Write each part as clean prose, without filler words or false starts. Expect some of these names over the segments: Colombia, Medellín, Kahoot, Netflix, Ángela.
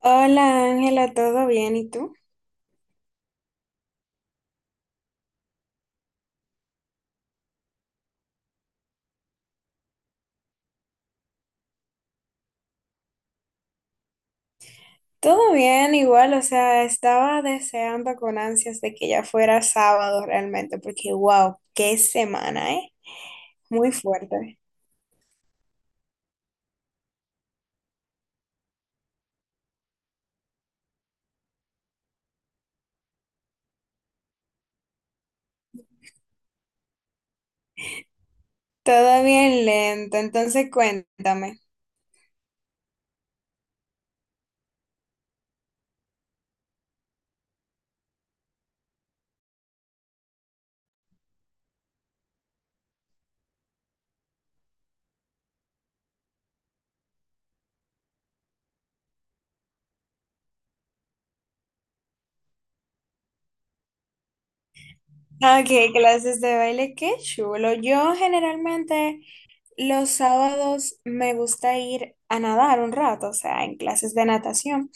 Hola Ángela, ¿todo bien? ¿Y tú? Todo bien, igual, o sea, estaba deseando con ansias de que ya fuera sábado realmente, porque wow, qué semana, ¿eh? Muy fuerte. Todo bien lento, entonces cuéntame. Ok, clases de baile, qué chulo. Yo generalmente los sábados me gusta ir a nadar un rato, o sea, en clases de natación.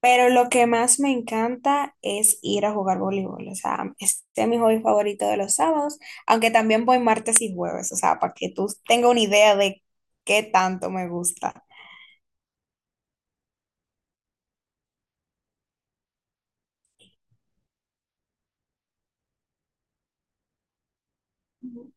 Pero lo que más me encanta es ir a jugar voleibol. O sea, este es mi hobby favorito de los sábados, aunque también voy martes y jueves, o sea, para que tú tengas una idea de qué tanto me gusta.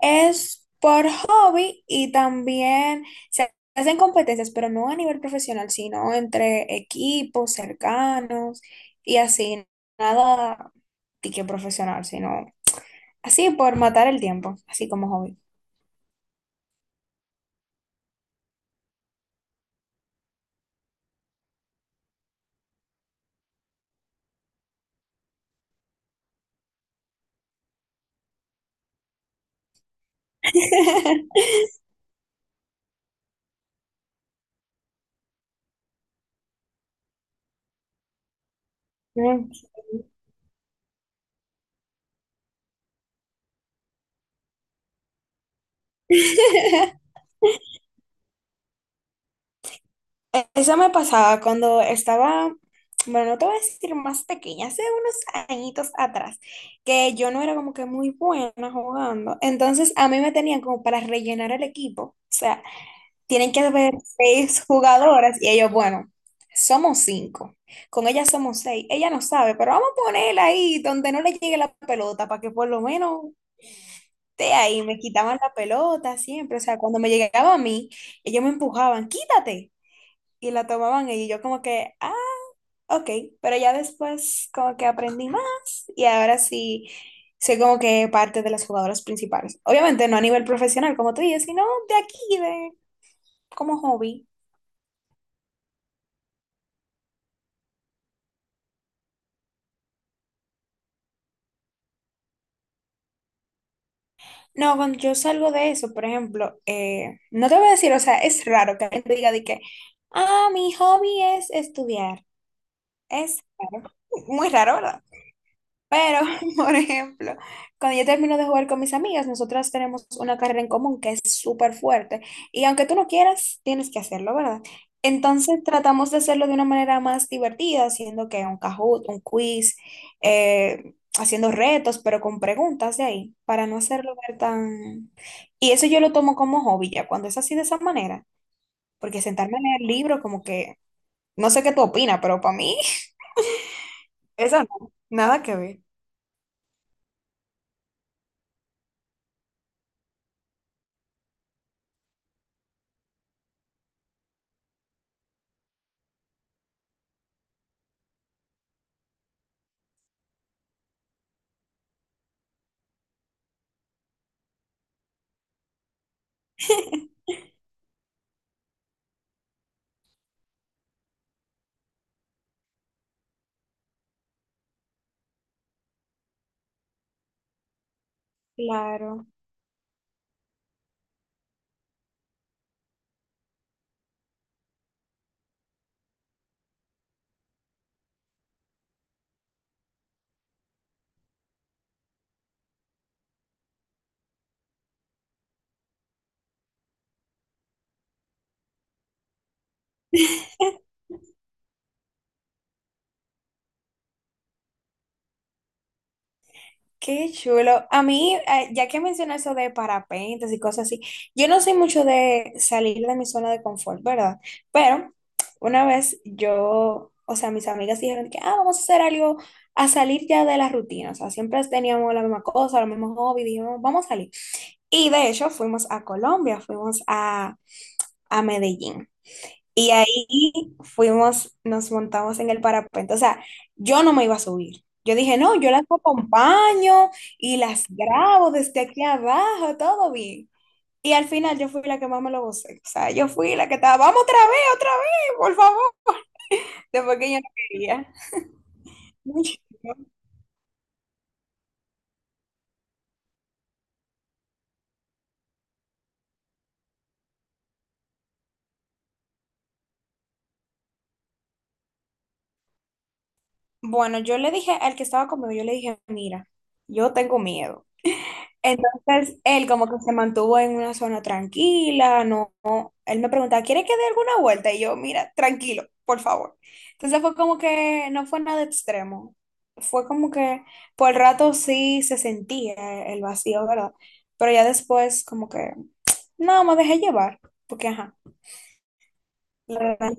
Es por hobby y también se hacen competencias, pero no a nivel profesional, sino entre equipos cercanos y así, nada de que profesional, sino así por matar el tiempo, así como hobby. Mm. Eso me pasaba cuando estaba, bueno, no te voy a decir más pequeña, hace unos añitos atrás, que yo no era como que muy buena jugando. Entonces a mí me tenían como para rellenar el equipo. O sea, tienen que haber seis jugadoras y ellos, bueno, somos cinco. Con ella somos seis. Ella no sabe, pero vamos a ponerla ahí donde no le llegue la pelota para que por lo menos esté ahí. Me quitaban la pelota siempre. O sea, cuando me llegaba a mí, ellos me empujaban, quítate y la tomaban ellos. Y yo como que, ah, ok, pero ya después como que aprendí más y ahora sí soy como que parte de las jugadoras principales. Obviamente no a nivel profesional, como tú dices, sino de aquí, de como hobby. No, cuando yo salgo de eso, por ejemplo, no te voy a decir, o sea, es raro que alguien te diga de que, ah, mi hobby es estudiar. Es raro. Muy raro, ¿verdad? Pero, por ejemplo, cuando yo termino de jugar con mis amigas, nosotras tenemos una carrera en común que es súper fuerte. Y aunque tú no quieras, tienes que hacerlo, ¿verdad? Entonces tratamos de hacerlo de una manera más divertida, haciendo que un Kahoot, un quiz, haciendo retos, pero con preguntas de ahí, para no hacerlo ver tan... Y eso yo lo tomo como hobby ya, cuando es así de esa manera, porque sentarme a leer libros como que, no sé qué tú opinas, pero para mí, eso no, nada que ver. Claro. Qué chulo. A mí, ya que mencionas eso de parapentes y cosas así, yo no soy mucho de salir de mi zona de confort, ¿verdad? Pero una vez yo, o sea, mis amigas dijeron que, ah, vamos a hacer algo, a salir ya de la rutina. O sea, siempre teníamos la misma cosa, los mismos hobbies, dijimos, vamos a salir. Y de hecho, fuimos a Colombia, a Medellín. Y ahí fuimos, nos montamos en el parapente. O sea, yo no me iba a subir. Yo dije, no, yo las acompaño y las grabo desde aquí abajo, todo bien. Y al final yo fui la que más me lo gocé. O sea, yo fui la que estaba, vamos otra vez, por favor. Después que yo no quería. Bueno, yo le dije al que estaba conmigo, yo le dije, mira, yo tengo miedo. Entonces, él como que se mantuvo en una zona tranquila, no, no. Él me preguntaba, ¿quiere que dé alguna vuelta? Y yo, mira, tranquilo, por favor. Entonces fue como que no fue nada extremo. Fue como que por el rato sí se sentía el vacío, ¿verdad? Pero ya después como que, no, me dejé llevar, porque ajá. La verdad,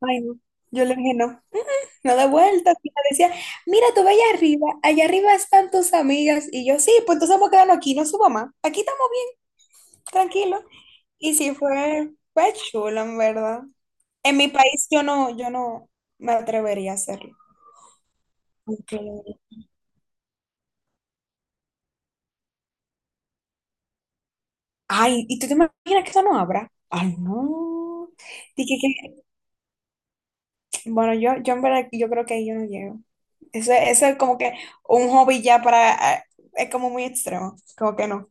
ay, no. Yo le dije, no, no de vuelta. Y me decía, mira, tú ve allá arriba están tus amigas. Y yo, sí, pues entonces vamos a quedarnos aquí, no suba más. Aquí estamos tranquilo. Y sí fue, fue chulo, en verdad. En mi país yo no me atrevería a hacerlo. Aunque- Ay, ¿y tú te imaginas que eso no habrá? Ay, no. Dije que, bueno, yo en verdad, yo creo que ahí yo no llego. Eso es como que un hobby ya para, es como muy extremo, como que no.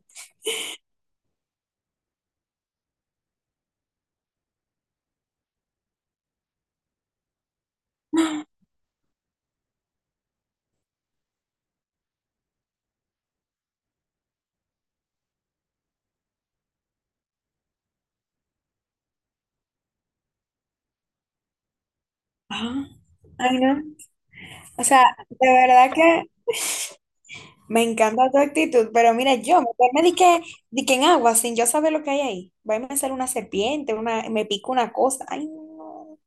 Ah, ay, no. O sea, de verdad que me encanta tu actitud, pero mira, yo meterme di que en agua sin yo saber lo que hay ahí. Va a ser una serpiente, una, me pica una cosa. Ay, no.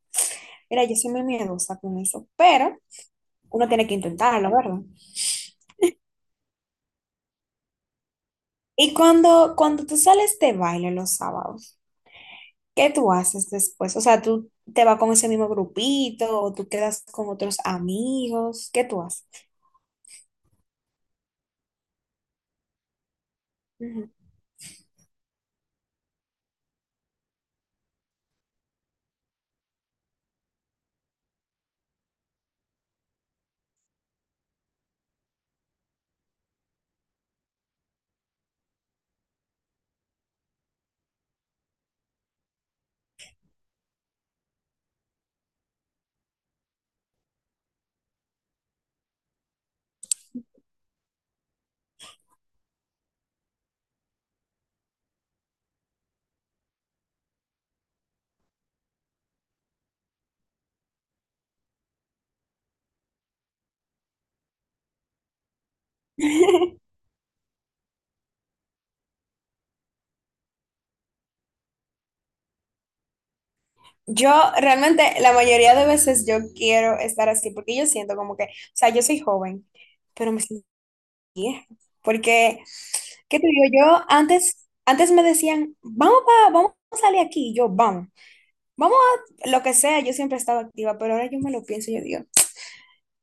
Mira, yo soy muy miedosa con eso, pero uno tiene que intentarlo, ¿verdad? Y cuando tú sales de baile los sábados, ¿qué tú haces después? O sea, tú te vas con ese mismo grupito o tú quedas con otros amigos, ¿qué tú haces? Ujú. Yo realmente la mayoría de veces yo quiero estar así porque yo siento como que, o sea, yo soy joven, pero me siento vieja. Porque, ¿qué te digo? Yo antes, antes me decían, vamos a salir aquí, y yo, vamos, vamos a lo que sea, yo siempre estaba activa, pero ahora yo me lo pienso, y yo digo,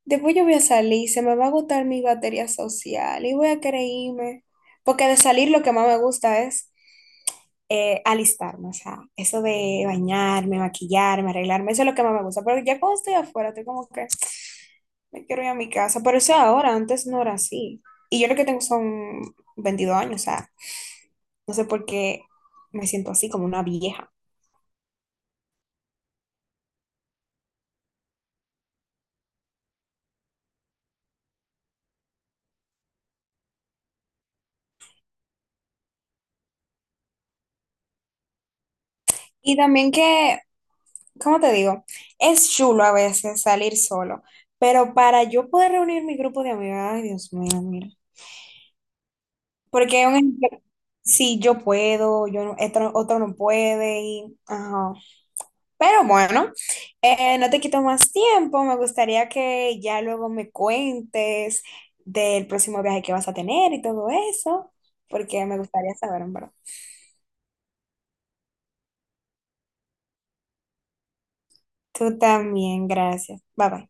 después yo voy a salir, se me va a agotar mi batería social y voy a querer irme. Porque de salir lo que más me gusta es alistarme, o sea, eso de bañarme, maquillarme, arreglarme, eso es lo que más me gusta. Pero ya cuando estoy afuera, estoy como que me quiero ir a mi casa. Pero eso ahora, antes no era así. Y yo lo que tengo son 22 años, o sea, no sé por qué me siento así como una vieja. Y también que, ¿cómo te digo? Es chulo a veces salir solo, pero para yo poder reunir mi grupo de amigas, ay Dios mío, mira. Porque un ejemplo, si yo puedo, yo no- otro, otro no puede, y, ajá. Pero bueno, no te quito más tiempo. Me gustaría que ya luego me cuentes del próximo viaje que vas a tener y todo eso, porque me gustaría saber, en verdad. Tú también, gracias. Bye bye.